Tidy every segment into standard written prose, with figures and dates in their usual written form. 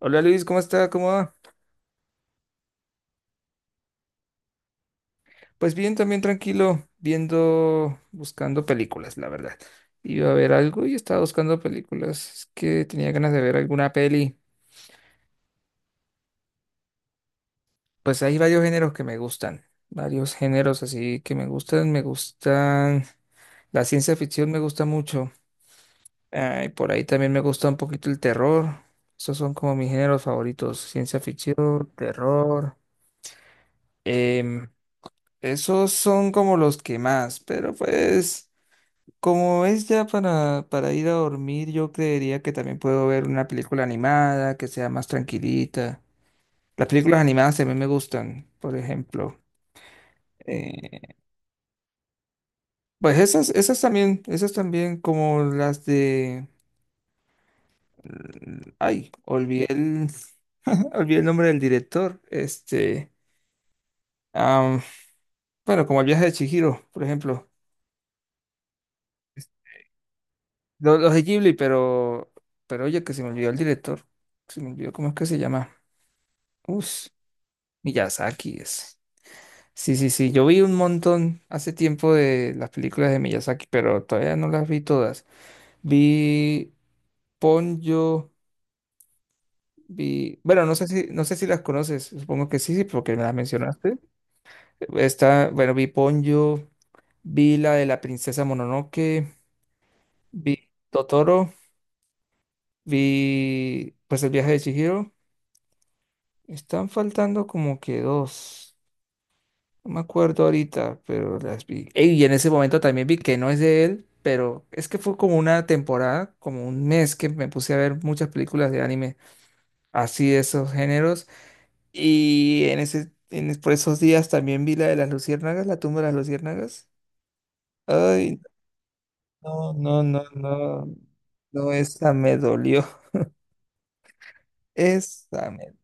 Hola Luis, ¿cómo está? ¿Cómo va? Pues bien, también tranquilo, viendo, buscando películas, la verdad. Iba a ver algo y estaba buscando películas. Es que tenía ganas de ver alguna peli. Pues hay varios géneros que me gustan, varios géneros así que me gustan. Me gustan, la ciencia ficción me gusta mucho. Ah, y por ahí también me gusta un poquito el terror. Esos son como mis géneros favoritos, ciencia ficción, terror. Em, Esos son como los que más, pero pues. Como es ya para, ir a dormir, yo creería que también puedo ver una película animada que sea más tranquilita. Las películas animadas a mí me gustan, por ejemplo. eh, pues esas, esas también como las de. Ay, olvidé el nombre del director. Este, am, bueno, como el viaje de Chihiro, por ejemplo. Los de Ghibli, pero oye, que se me olvidó el director. Se me olvidó cómo es que se llama. Uf, Miyazaki es. Sí, sí, sí. Yo vi un montón hace tiempo de las películas de Miyazaki, pero todavía no las vi todas. Vi Ponyo, vi. Bueno, no sé si las conoces. Supongo que sí, sí, porque me las mencionaste. Bueno, vi Ponyo, vi la de la princesa Mononoke, vi Totoro, vi pues el viaje de Chihiro. Están faltando como que dos. No me acuerdo ahorita, pero las vi. Ey, y en ese momento también vi que no es de él, pero es que fue como una temporada, como un mes que me puse a ver muchas películas de anime, así de esos géneros. Y en ese, en, es- por esos días también vi la de las luciérnagas, la tumba de las luciérnagas. Ay, no, no, no, no. No, esa me dolió. Esa me...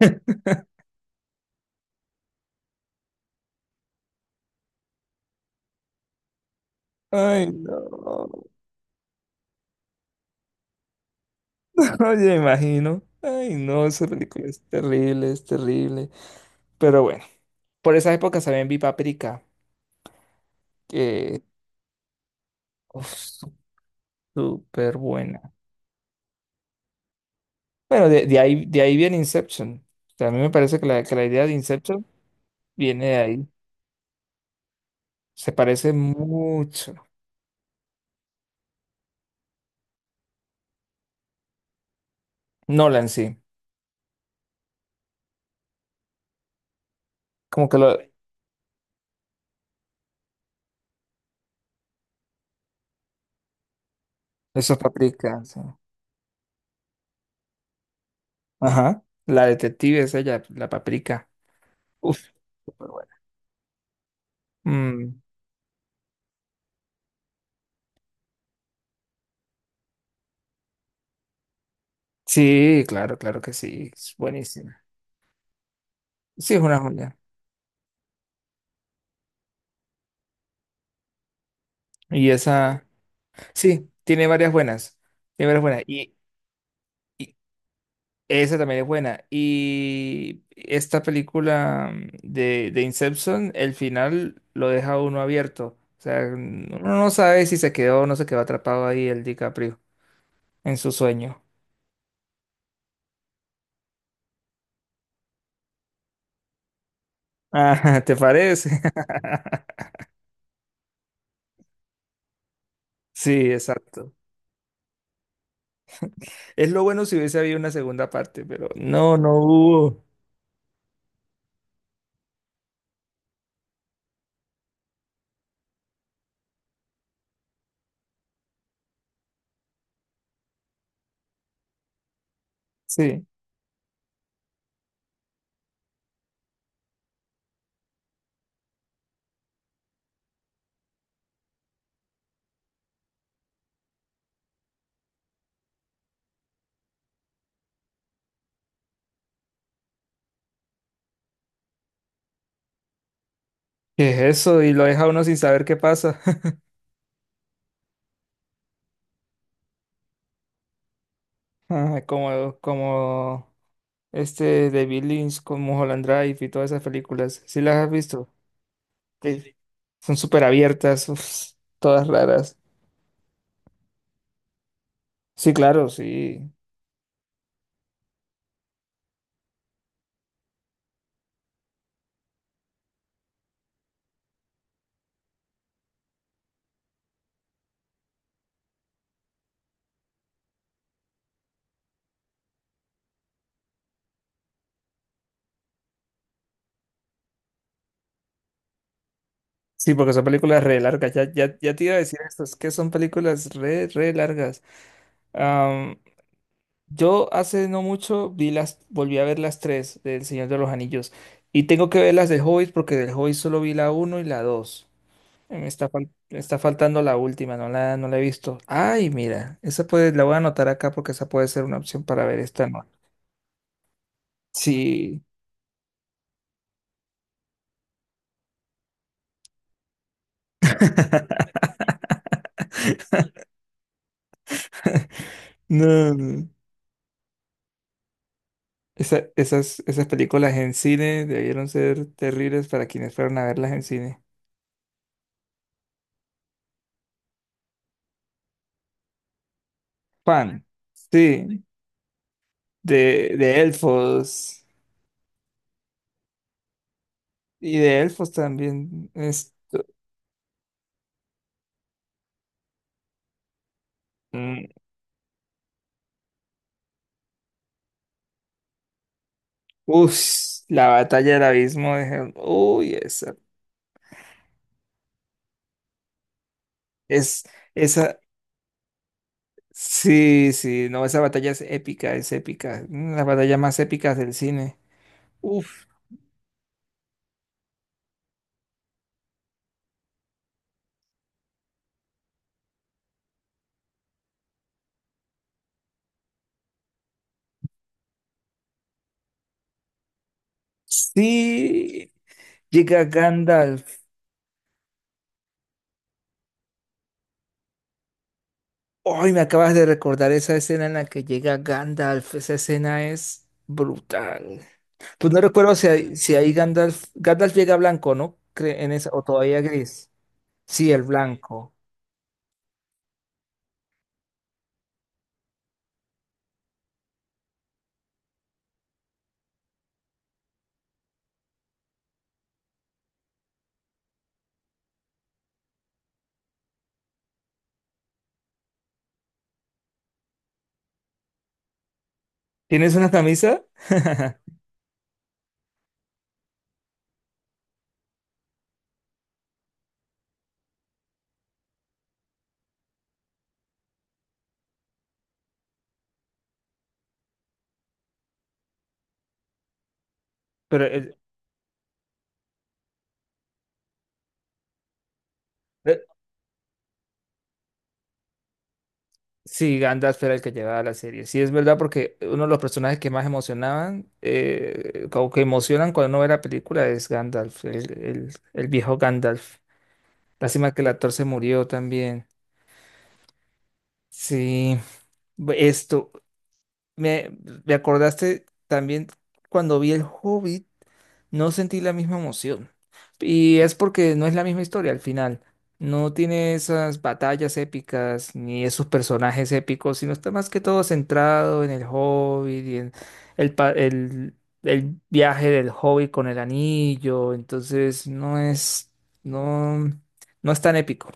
Ay, no. Oye, me imagino. Ay, no, esa película es terrible, es terrible. Pero bueno, por esa época también vi Paprika, que uf, súper buena. Bueno, de ahí viene Inception. O sea, a mí me parece que la, idea de Inception viene de ahí. Se parece mucho. Nolan, sí. Como que lo, eso es Paprika. Sí. Ajá. La detective es ella, la Paprika. Uf, súper buena. Mm, sí, claro, claro que sí. Es buenísima. Sí, es una joya. Y esa, sí, tiene varias buenas. Tiene varias buenas. Y esa también es buena. Y esta película de Inception, el final lo deja a uno abierto. O sea, uno no sabe si se quedó o no se quedó atrapado ahí el DiCaprio en su sueño. Ah, ¿te parece? Sí, exacto. Es lo bueno si hubiese habido una segunda parte, pero no, no hubo. Sí. ¿Qué es eso? Y lo deja a uno sin saber qué pasa. Ah, como este de Lynch con Mulholland Drive y todas esas películas. ¿Sí las has visto? Que son súper abiertas, uf, todas raras. Sí, claro, sí. Sí, porque son películas re largas. Ya, ya, ya te iba a decir esto, es que son películas re largas. Am, yo hace no mucho vi las, volví a ver las tres del Señor de los Anillos. Y tengo que ver las del Hobbit porque del Hobbit solo vi la uno y la dos. Me está faltando la última, no la he visto. Ay, mira, la voy a anotar acá porque esa puede ser una opción para ver esta noche. Sí. No. Esas películas en cine debieron ser terribles para quienes fueron a verlas en cine. Pan, sí, de elfos y de elfos también. Mm, uf, la batalla del abismo de Helm. Uy, es, esa, sí, sí, no, esa batalla es épica, es épica. Las batallas más épicas del cine. Uf, sí, llega Gandalf. Hoy me acabas de recordar esa escena en la que llega Gandalf. Esa escena es brutal. Pues no recuerdo si ahí Gandalf llega blanco, ¿no? En esa, o todavía gris. Sí, el blanco. ¿Tienes una camisa? Pero el- eh, sí, Gandalf era el que llevaba la serie. Sí, es verdad porque uno de los personajes que más emocionaban, como que emocionan cuando uno ve la película es Gandalf, el viejo Gandalf. Lástima que el actor se murió también. Sí, bu- esto. Me, me acordaste también cuando vi El Hobbit, no sentí la misma emoción. Y es porque no es la misma historia al final. No tiene esas batallas épicas ni esos personajes épicos, sino está más que todo centrado en el Hobbit y en el, pa- el, el viaje del Hobbit con el anillo. Entonces no, no es tan épico.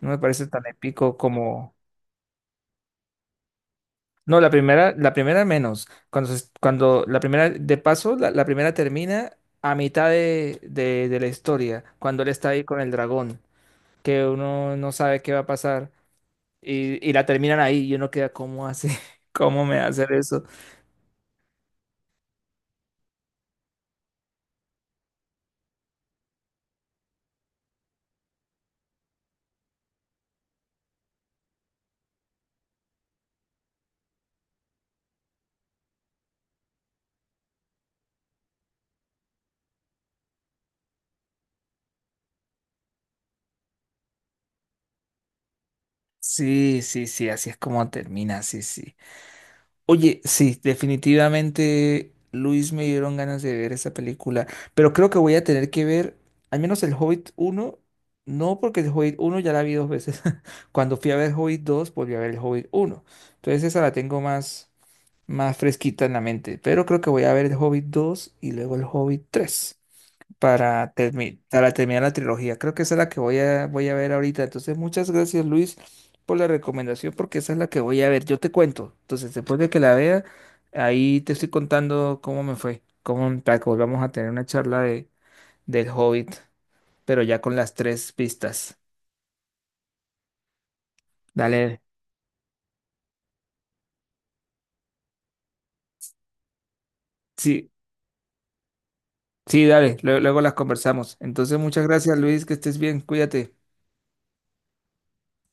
No me parece tan épico como. No, la primera menos. Cuando la primera, de paso, la primera termina a mitad de la historia, cuando él está ahí con el dragón, que uno no sabe qué va a pasar, y la terminan ahí, y uno queda, ¿cómo hace? ¿Cómo me va a hacer eso? Sí, sí, sí, así es como termina, sí, sí. Oye, sí, definitivamente Luis, me dieron ganas de ver esa película, pero creo que voy a tener que ver al menos el Hobbit uno, no, porque el Hobbit uno ya la vi dos veces. Cuando fui a ver Hobbit 2 volví a ver el Hobbit uno. Entonces esa la tengo más fresquita en la mente, pero creo que voy a ver el Hobbit 2 y luego el Hobbit 3 para terminar la trilogía. Creo que esa es la que voy a ver ahorita. Entonces, muchas gracias, Luis, por la recomendación, porque esa es la que voy a ver. Yo te cuento. Entonces, después de que la vea, ahí te estoy contando cómo me fue, cómo para que volvamos a tener una charla del Hobbit, pero ya con las tres pistas. Dale. Sí, sí, dale. Luego, las conversamos. Entonces, muchas gracias, Luis, que estés bien. Cuídate.